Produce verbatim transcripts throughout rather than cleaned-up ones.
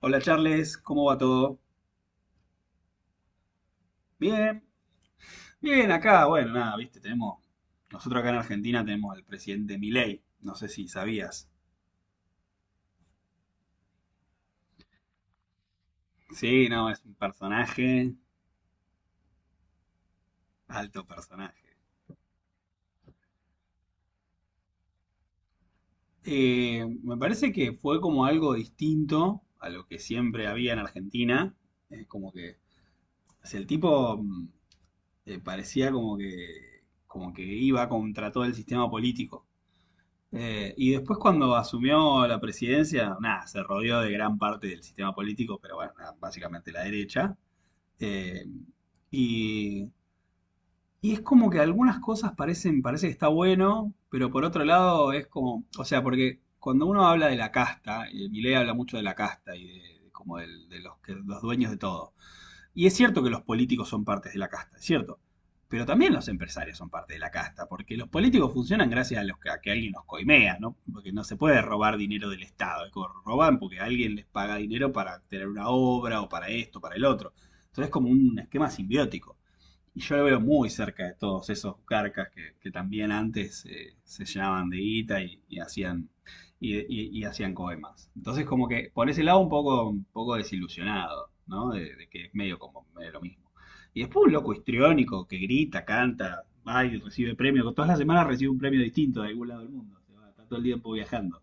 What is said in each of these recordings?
Hola Charles, ¿cómo va todo? Bien, bien, acá, bueno, nada, viste, tenemos, nosotros acá en Argentina tenemos al presidente Milei, no sé si sabías. Sí, no, es un personaje, alto personaje. Eh, me parece que fue como algo distinto a lo que siempre había en Argentina, eh, como que, o sea, el tipo mm, eh, parecía como que, como que iba contra todo el sistema político. Eh, y después cuando asumió la presidencia, nada, se rodeó de gran parte del sistema político, pero bueno, nada, básicamente la derecha. Eh, y, y es como que algunas cosas parecen, parece que está bueno, pero por otro lado es como, o sea, porque cuando uno habla de la casta, eh, Milei habla mucho de la casta y de, de como del- de los, que, los dueños de todo. Y es cierto que los políticos son partes de la casta, es cierto. Pero también los empresarios son parte de la casta, porque los políticos funcionan gracias a, los que, a que alguien los coimea, ¿no? Porque no se puede robar dinero del Estado, roban porque alguien les paga dinero para tener una obra o para esto, para el otro. Entonces es como un esquema simbiótico. Y yo lo veo muy cerca de todos esos carcas que, que también antes eh, se llamaban de guita y, y hacían y, y- y hacían coemas. Entonces, como que por ese lado un poco, un poco desilusionado, ¿no? De, de que es medio como medio lo mismo. Y después un loco histriónico que grita, canta, va y recibe premio, todas las semanas recibe un premio distinto de algún lado del mundo. Se va, está todo el tiempo viajando.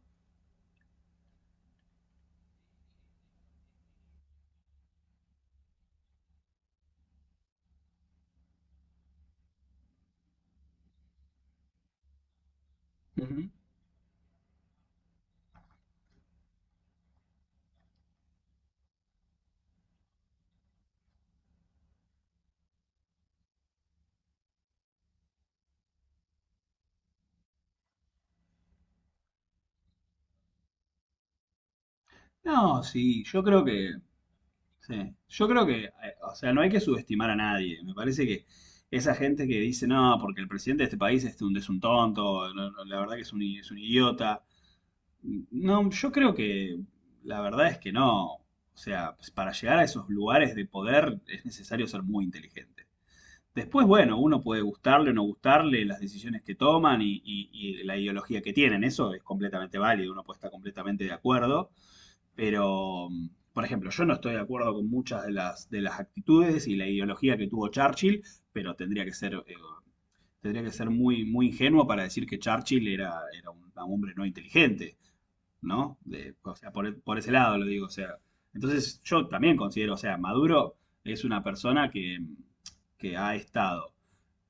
Ujú. No, sí, yo creo que sí. Yo creo que, eh, o sea, no hay que subestimar a nadie. Me parece que esa gente que dice, no, porque el presidente de este país es un, es un tonto, no, no, la verdad que es un, i- es un idiota. No, yo creo que la verdad es que no. O sea, pues, para llegar a esos lugares de poder es necesario ser muy inteligente. Después, bueno, uno puede gustarle o no gustarle las decisiones que toman y, y y la ideología que tienen. Eso es completamente válido, uno puede estar completamente de acuerdo. Pero, mm, por ejemplo, yo no estoy de acuerdo con muchas de las, de las actitudes y la ideología que tuvo Churchill, pero tendría que ser, eh, tendría que ser muy, muy ingenuo para decir que Churchill era, era un, un hombre no inteligente, ¿no? De- o sea, por, por ese lado lo digo, o sea. Entonces yo también considero, o sea, Maduro es una persona que, que ha estado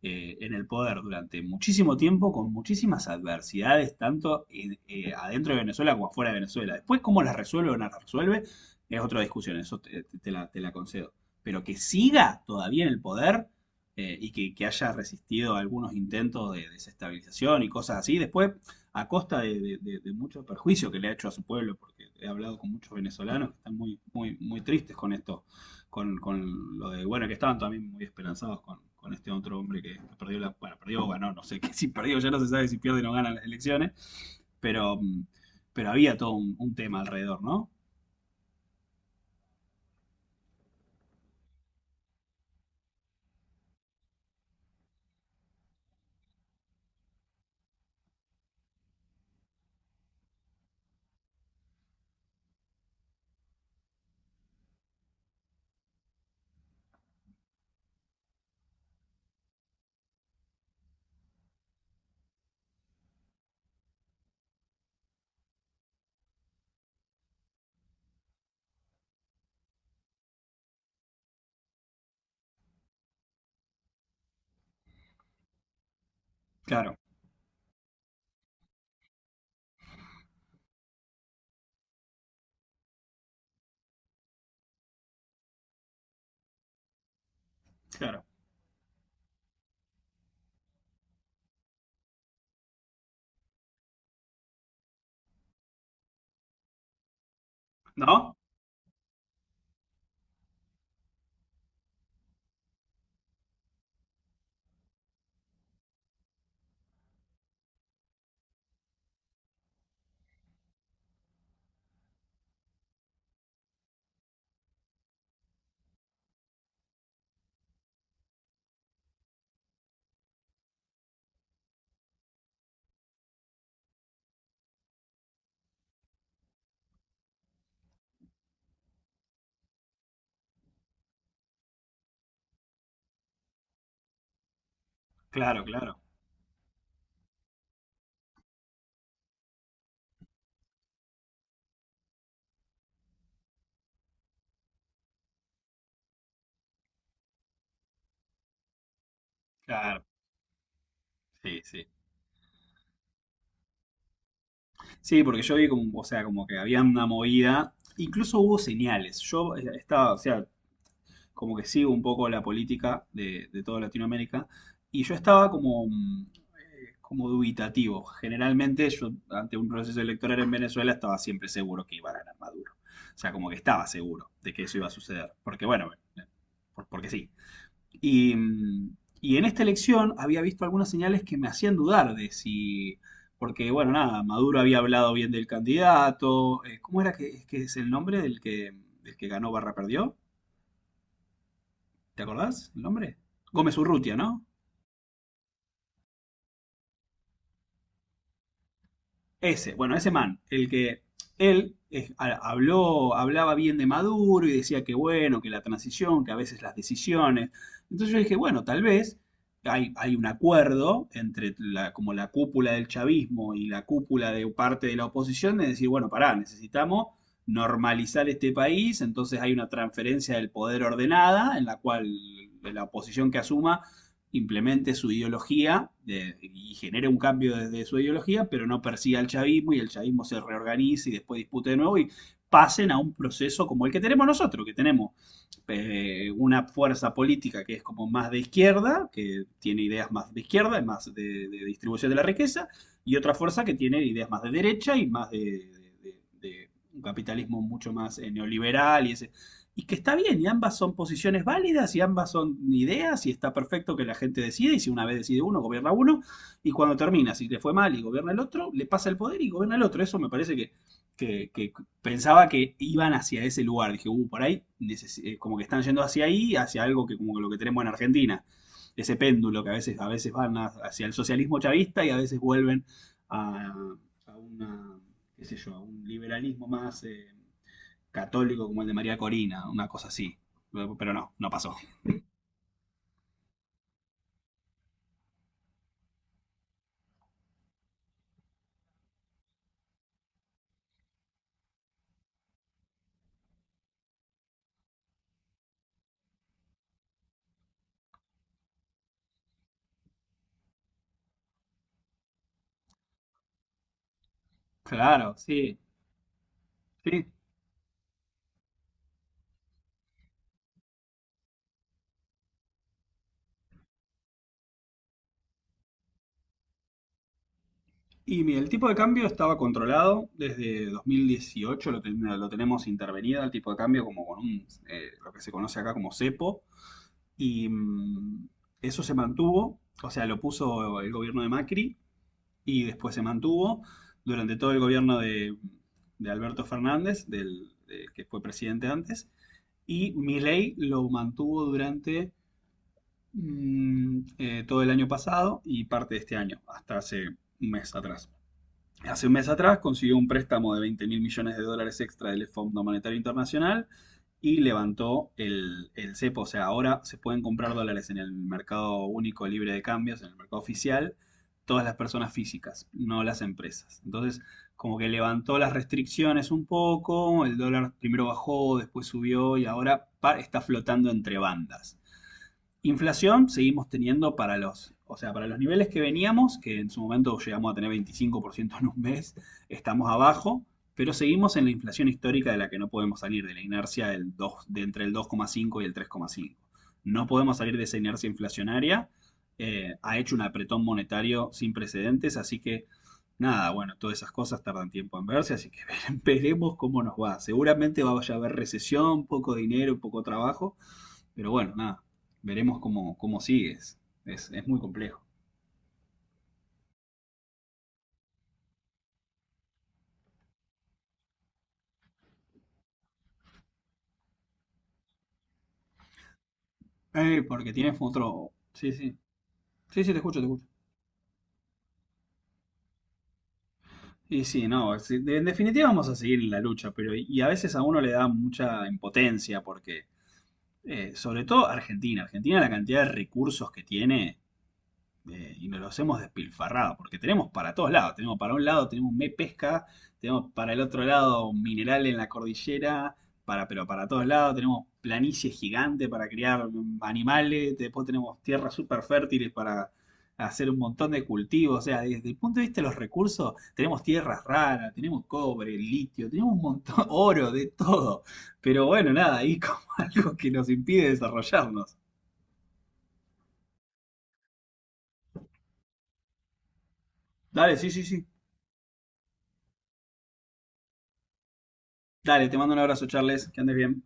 eh, en el poder durante muchísimo tiempo con muchísimas adversidades, tanto eh, adentro de Venezuela como afuera de Venezuela. Después, cómo las resuelve o no las resuelve, es otra discusión, eso te, te la, te la concedo. Pero que siga todavía en el poder eh, y que, que, haya resistido algunos intentos de desestabilización y cosas así, después a costa de, de, de, de, mucho perjuicio que le ha hecho a su pueblo, porque he hablado con muchos venezolanos que están muy, muy, muy tristes con esto con, con lo de, bueno, que estaban también muy esperanzados con, con este otro hombre que perdió la, bueno, perdió o ganó, no sé, que si perdió ya no se sabe si pierde o no gana las elecciones, pero, pero había todo un, un tema alrededor, ¿no? Claro, claro. ¿No? Claro, claro, claro. Sí, sí. Sí, porque yo vi como, o sea, como que había una movida. Incluso hubo señales. Yo eh, estaba, o sea, como que sigo un poco la política de, de toda Latinoamérica. Y yo estaba como, mm, eh, como dubitativo. Generalmente yo ante un proceso electoral en Venezuela estaba siempre seguro que iba a ganar Maduro. O sea, como que estaba seguro de que eso iba a suceder. Porque bueno, eh, por- porque sí. Y, mm, y en esta elección había visto algunas señales que me hacían dudar de si, porque bueno, nada, Maduro había hablado bien del candidato, eh, ¿cómo era que, que es el nombre del que, del que ganó barra perdió? ¿Te acordás el nombre? Gómez Urrutia, ¿no? Ese, bueno, ese man, el que él eh, habló, hablaba bien de Maduro y decía que bueno, que la transición, que a veces las decisiones. Entonces yo dije, bueno, tal vez hay, hay un acuerdo entre la, como la cúpula del chavismo y la cúpula de parte de la oposición de decir, bueno, pará, necesitamos normalizar este país, entonces hay una transferencia del poder ordenada en la cual la oposición que asuma implemente su ideología de- y genere un cambio desde su ideología, pero no persiga al chavismo y el chavismo se reorganice y después dispute de nuevo y pasen a un proceso como el que tenemos nosotros, que tenemos pues, eh, una fuerza política que es como más de izquierda, que tiene ideas más de izquierda y más de, de distribución de la riqueza, y otra fuerza que tiene ideas más de derecha y más de, de, de de un capitalismo mucho más eh, neoliberal y ese. Y que está bien, y ambas son posiciones válidas, y ambas son ideas, y está perfecto que la gente decida, y si una vez decide uno, gobierna uno, y cuando termina, si le fue mal y gobierna el otro, le pasa el poder y gobierna el otro. Eso me parece que, que, que, pensaba que iban hacia ese lugar. Dije, uh, por ahí, eh, como que están yendo hacia ahí, hacia algo que como lo que tenemos en Argentina. Ese péndulo que a veces, a veces van hacia el socialismo chavista y a veces vuelven a, a una, qué sé yo, a un liberalismo más eh, católico como el de María Corina, una cosa así. Pero pero no, no pasó. Claro, sí, sí. Y mira, el tipo de cambio estaba controlado desde dos mil dieciocho, lo, ten- lo tenemos intervenido, el tipo de cambio como con un, eh, lo que se conoce acá como cepo. Y mm, Eso se mantuvo, o sea, lo puso el gobierno de Macri y después se mantuvo durante todo el gobierno de, de Alberto Fernández, del, del que fue presidente antes, y Milei lo mantuvo durante mm, eh, todo el año pasado y parte de este año, hasta hace un mes atrás hace un mes atrás consiguió un préstamo de veinte mil millones de dólares extra del Fondo Monetario Internacional y levantó el, el cepo. O sea, ahora se pueden comprar dólares en el mercado único libre de cambios, en el mercado oficial, todas las personas físicas, no las empresas. Entonces, como que levantó las restricciones un poco, el dólar primero bajó, después subió y ahora está flotando entre bandas. Inflación seguimos teniendo para los, o sea, para los niveles que veníamos, que en su momento llegamos a tener veinticinco por ciento en un mes, estamos abajo, pero seguimos en la inflación histórica de la que no podemos salir, de la inercia del dos, de entre el dos coma cinco y el tres coma cinco. No podemos salir de esa inercia inflacionaria. Eh, ha hecho un apretón monetario sin precedentes, así que nada, bueno, todas esas cosas tardan tiempo en verse, así que veremos cómo nos va. Seguramente vaya a haber recesión, poco dinero, poco trabajo, pero bueno, nada, veremos cómo, cómo sigues. Es, es muy complejo. Eh, porque tienes otro... Sí, sí. Sí, sí, te escucho, te escucho. Y sí, no, sí, de- en definitiva vamos a seguir en la lucha, pero y a veces a uno le da mucha impotencia porque, eh, sobre todo Argentina, Argentina la cantidad de recursos que tiene eh, y nos los hemos despilfarrado, porque tenemos para todos lados, tenemos para un lado, tenemos me pesca, tenemos para el otro lado un mineral en la cordillera, para, pero para todos lados, tenemos planicie gigante para criar animales, después tenemos tierras súper fértiles para hacer un montón de cultivos, o sea, desde el punto de vista de los recursos, tenemos tierras raras, tenemos cobre, litio, tenemos un montón, oro, de todo, pero bueno, nada, ahí como algo que nos impide desarrollarnos. Dale, sí, sí, sí. Dale, te mando un abrazo, Charles, que andes bien.